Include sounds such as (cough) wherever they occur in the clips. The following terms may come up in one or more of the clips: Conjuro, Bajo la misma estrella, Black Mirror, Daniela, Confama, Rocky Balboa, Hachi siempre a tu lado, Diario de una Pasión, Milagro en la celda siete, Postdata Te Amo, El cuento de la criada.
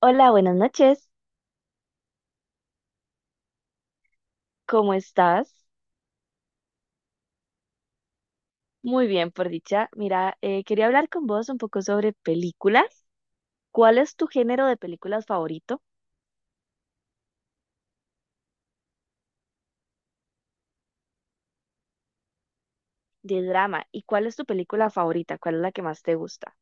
Hola, buenas noches. ¿Cómo estás? Muy bien, por dicha. Mira, quería hablar con vos un poco sobre películas. ¿Cuál es tu género de películas favorito? De drama. ¿Y cuál es tu película favorita? ¿Cuál es la que más te gusta?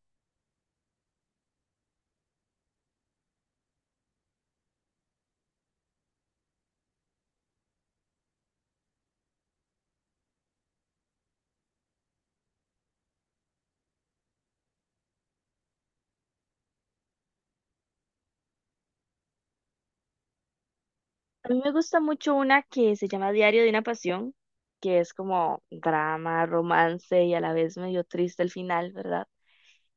A mí me gusta mucho una que se llama Diario de una Pasión, que es como drama, romance y a la vez medio triste el final, ¿verdad?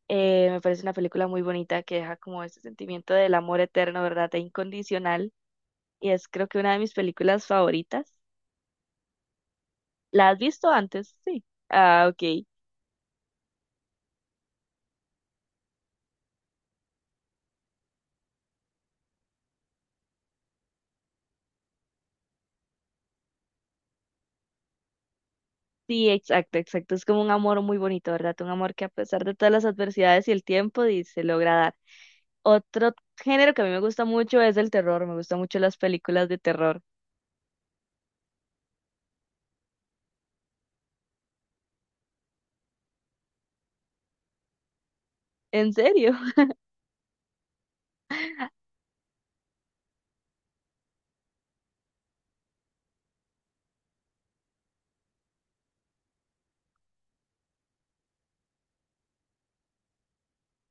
Me parece una película muy bonita que deja como ese sentimiento del amor eterno, ¿verdad? E incondicional. Y es creo que una de mis películas favoritas. ¿La has visto antes? Sí. Ah, ok. Sí, exacto, exacto. Es como un amor muy bonito, ¿verdad? Un amor que a pesar de todas las adversidades y el tiempo, se logra dar. Otro género que a mí me gusta mucho es el terror. Me gustan mucho las películas de terror. ¿En serio?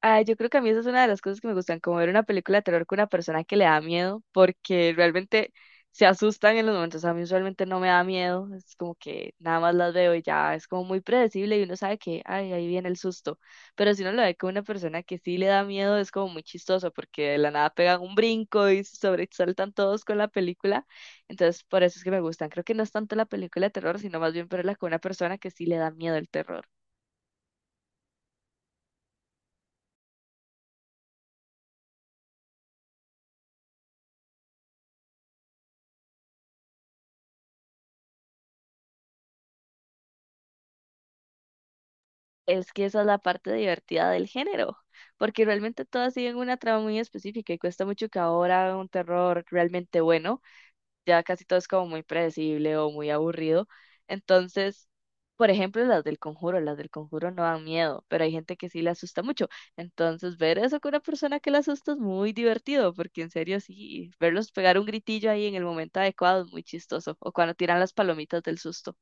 Ah, yo creo que a mí esa es una de las cosas que me gustan, como ver una película de terror con una persona que le da miedo, porque realmente se asustan en los momentos. A mí usualmente no me da miedo, es como que nada más las veo y ya es como muy predecible y uno sabe que, ay, ahí viene el susto. Pero si uno lo ve con una persona que sí le da miedo, es como muy chistoso, porque de la nada pegan un brinco y se sobresaltan todos con la película. Entonces, por eso es que me gustan. Creo que no es tanto la película de terror, sino más bien verla con una persona que sí le da miedo el terror. Es que esa es la parte divertida del género, porque realmente todas siguen una trama muy específica y cuesta mucho que ahora hagan un terror realmente bueno, ya casi todo es como muy predecible o muy aburrido. Entonces, por ejemplo, las del Conjuro no dan miedo, pero hay gente que sí le asusta mucho. Entonces, ver eso con una persona que le asusta es muy divertido, porque en serio sí, verlos pegar un gritillo ahí en el momento adecuado es muy chistoso, o cuando tiran las palomitas del susto.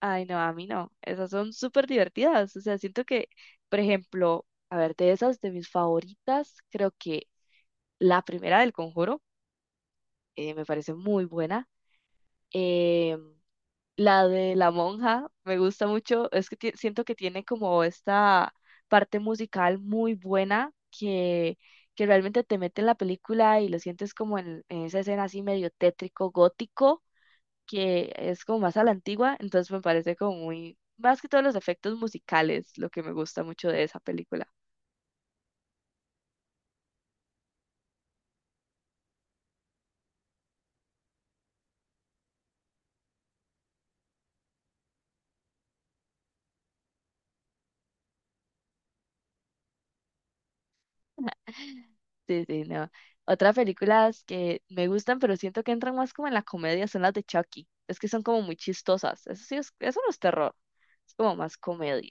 Ay, no, a mí no. Esas son súper divertidas. O sea, siento que, por ejemplo, a ver, de esas, de mis favoritas, creo que la primera del Conjuro me parece muy buena. Eh, la de la monja me gusta mucho. Es que siento que tiene como esta parte musical muy buena que realmente te mete en la película y lo sientes como en esa escena así medio tétrico, gótico que es como más a la antigua, entonces me parece como muy, más que todos los efectos musicales, lo que me gusta mucho de esa película. Sí, sí, no. Otras películas que me gustan, pero siento que entran más como en la comedia, son las de Chucky. Es que son como muy chistosas. Eso sí, es, eso no es terror, es como más comedia.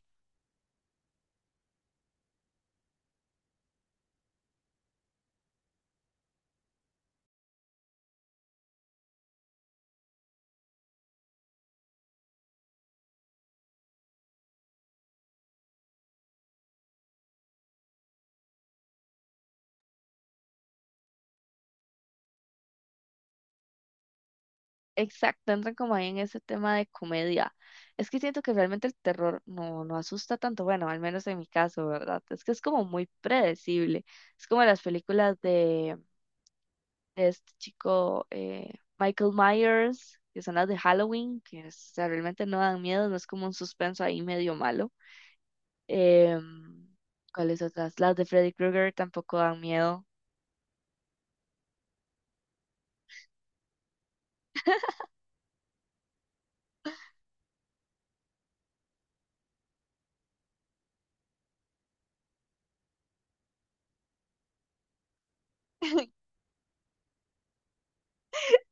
Exacto, entran como ahí en ese tema de comedia. Es que siento que realmente el terror no, no asusta tanto, bueno, al menos en mi caso, ¿verdad? Es que es como muy predecible. Es como las películas de este chico Michael Myers, que son las de Halloween, que o sea, realmente no dan miedo, no es como un suspenso ahí medio malo. Em, ¿Cuáles otras? Las de Freddy Krueger tampoco dan miedo. (laughs)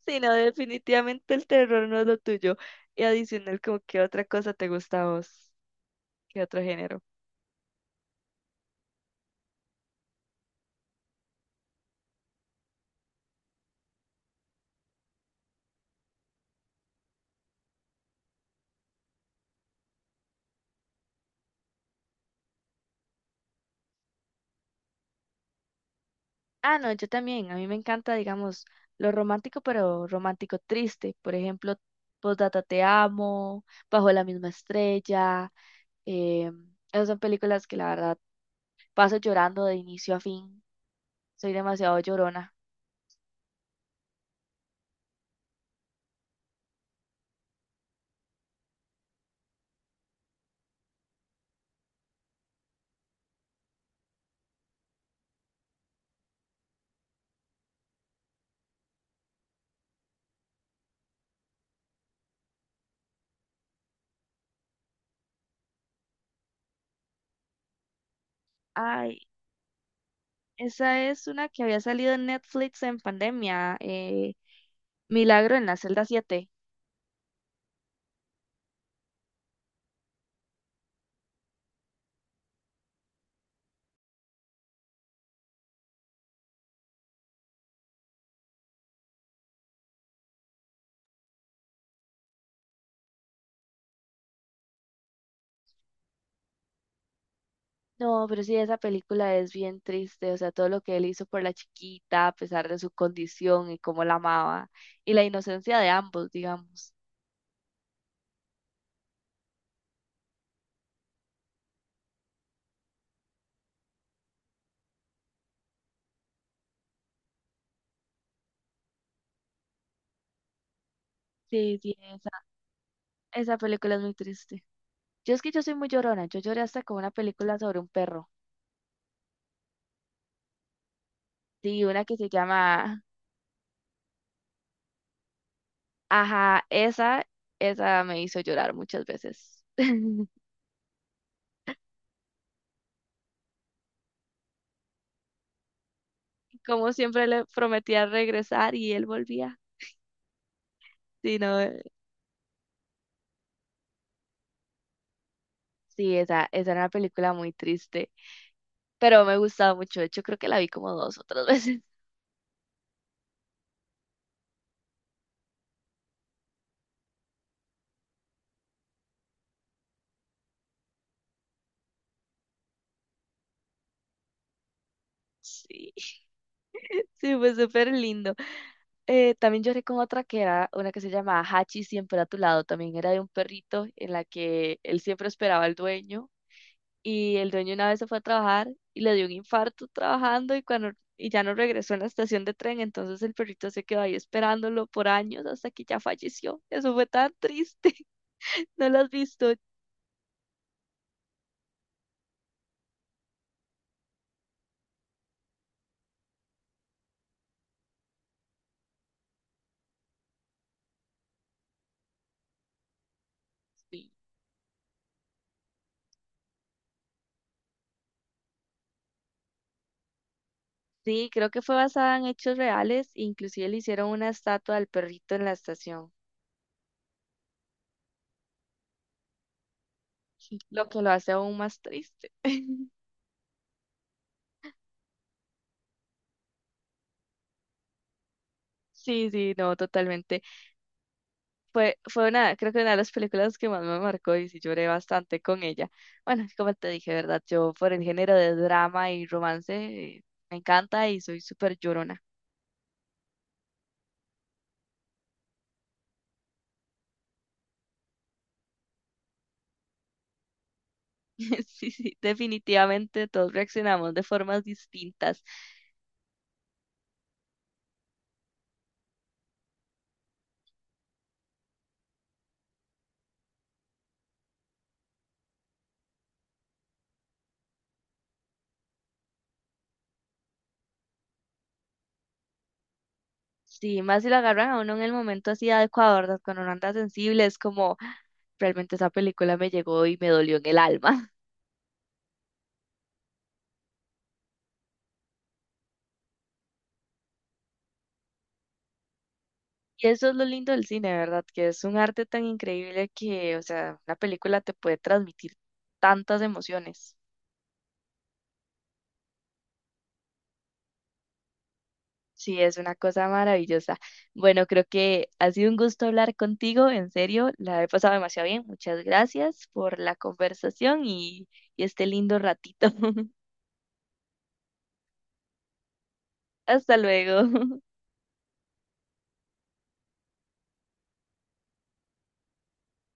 Sí, no, definitivamente el terror no es lo tuyo. Y adicional, como qué otra cosa te gusta a vos, qué otro género. Ah, no, yo también. A mí me encanta, digamos, lo romántico, pero romántico triste. Por ejemplo, Postdata Te Amo, Bajo la misma estrella. Eh, esas son películas que la verdad paso llorando de inicio a fin. Soy demasiado llorona. Ay, esa es una que había salido en Netflix en pandemia. Milagro en la celda siete. No, pero sí, esa película es bien triste. O sea, todo lo que él hizo por la chiquita, a pesar de su condición y cómo la amaba. Y la inocencia de ambos, digamos. Sí, sí, esa película es muy triste. Yo es que yo soy muy llorona. Yo lloré hasta con una película sobre un perro. Sí, una que se llama. Ajá, esa me hizo llorar muchas veces. (laughs) Como siempre le prometía regresar y él volvía. Sí, no, sí, esa era una película muy triste, pero me gustaba mucho. De hecho, creo que la vi como dos o tres veces. (laughs) Sí, (laughs) sí, fue súper lindo. También lloré con otra que era una que se llamaba Hachi siempre a tu lado. También era de un perrito en la que él siempre esperaba al dueño y el dueño una vez se fue a trabajar y le dio un infarto trabajando y ya no regresó en la estación de tren, entonces el perrito se quedó ahí esperándolo por años hasta que ya falleció. Eso fue tan triste. (laughs) ¿No lo has visto? Sí, sí, creo que fue basada en hechos reales, inclusive le hicieron una estatua al perrito en la estación, (laughs) lo que lo hace aún más triste. (laughs) Sí, sí, no, totalmente. Fue una, creo que una de las películas que más me marcó y sí lloré bastante con ella. Bueno, como te dije, ¿verdad? Yo por el género de drama y romance me encanta y soy súper llorona. (laughs) Sí, sí, definitivamente todos reaccionamos de formas distintas. Sí, más si lo agarran a uno en el momento así adecuado, ¿verdad? Cuando uno anda sensible, es como "Ah, realmente esa película me llegó y me dolió en el alma". Y eso es lo lindo del cine, ¿verdad? Que es un arte tan increíble que, o sea, una película te puede transmitir tantas emociones. Sí, es una cosa maravillosa. Bueno, creo que ha sido un gusto hablar contigo, en serio, la he pasado demasiado bien. Muchas gracias por la conversación y este lindo ratito. (laughs) Hasta luego.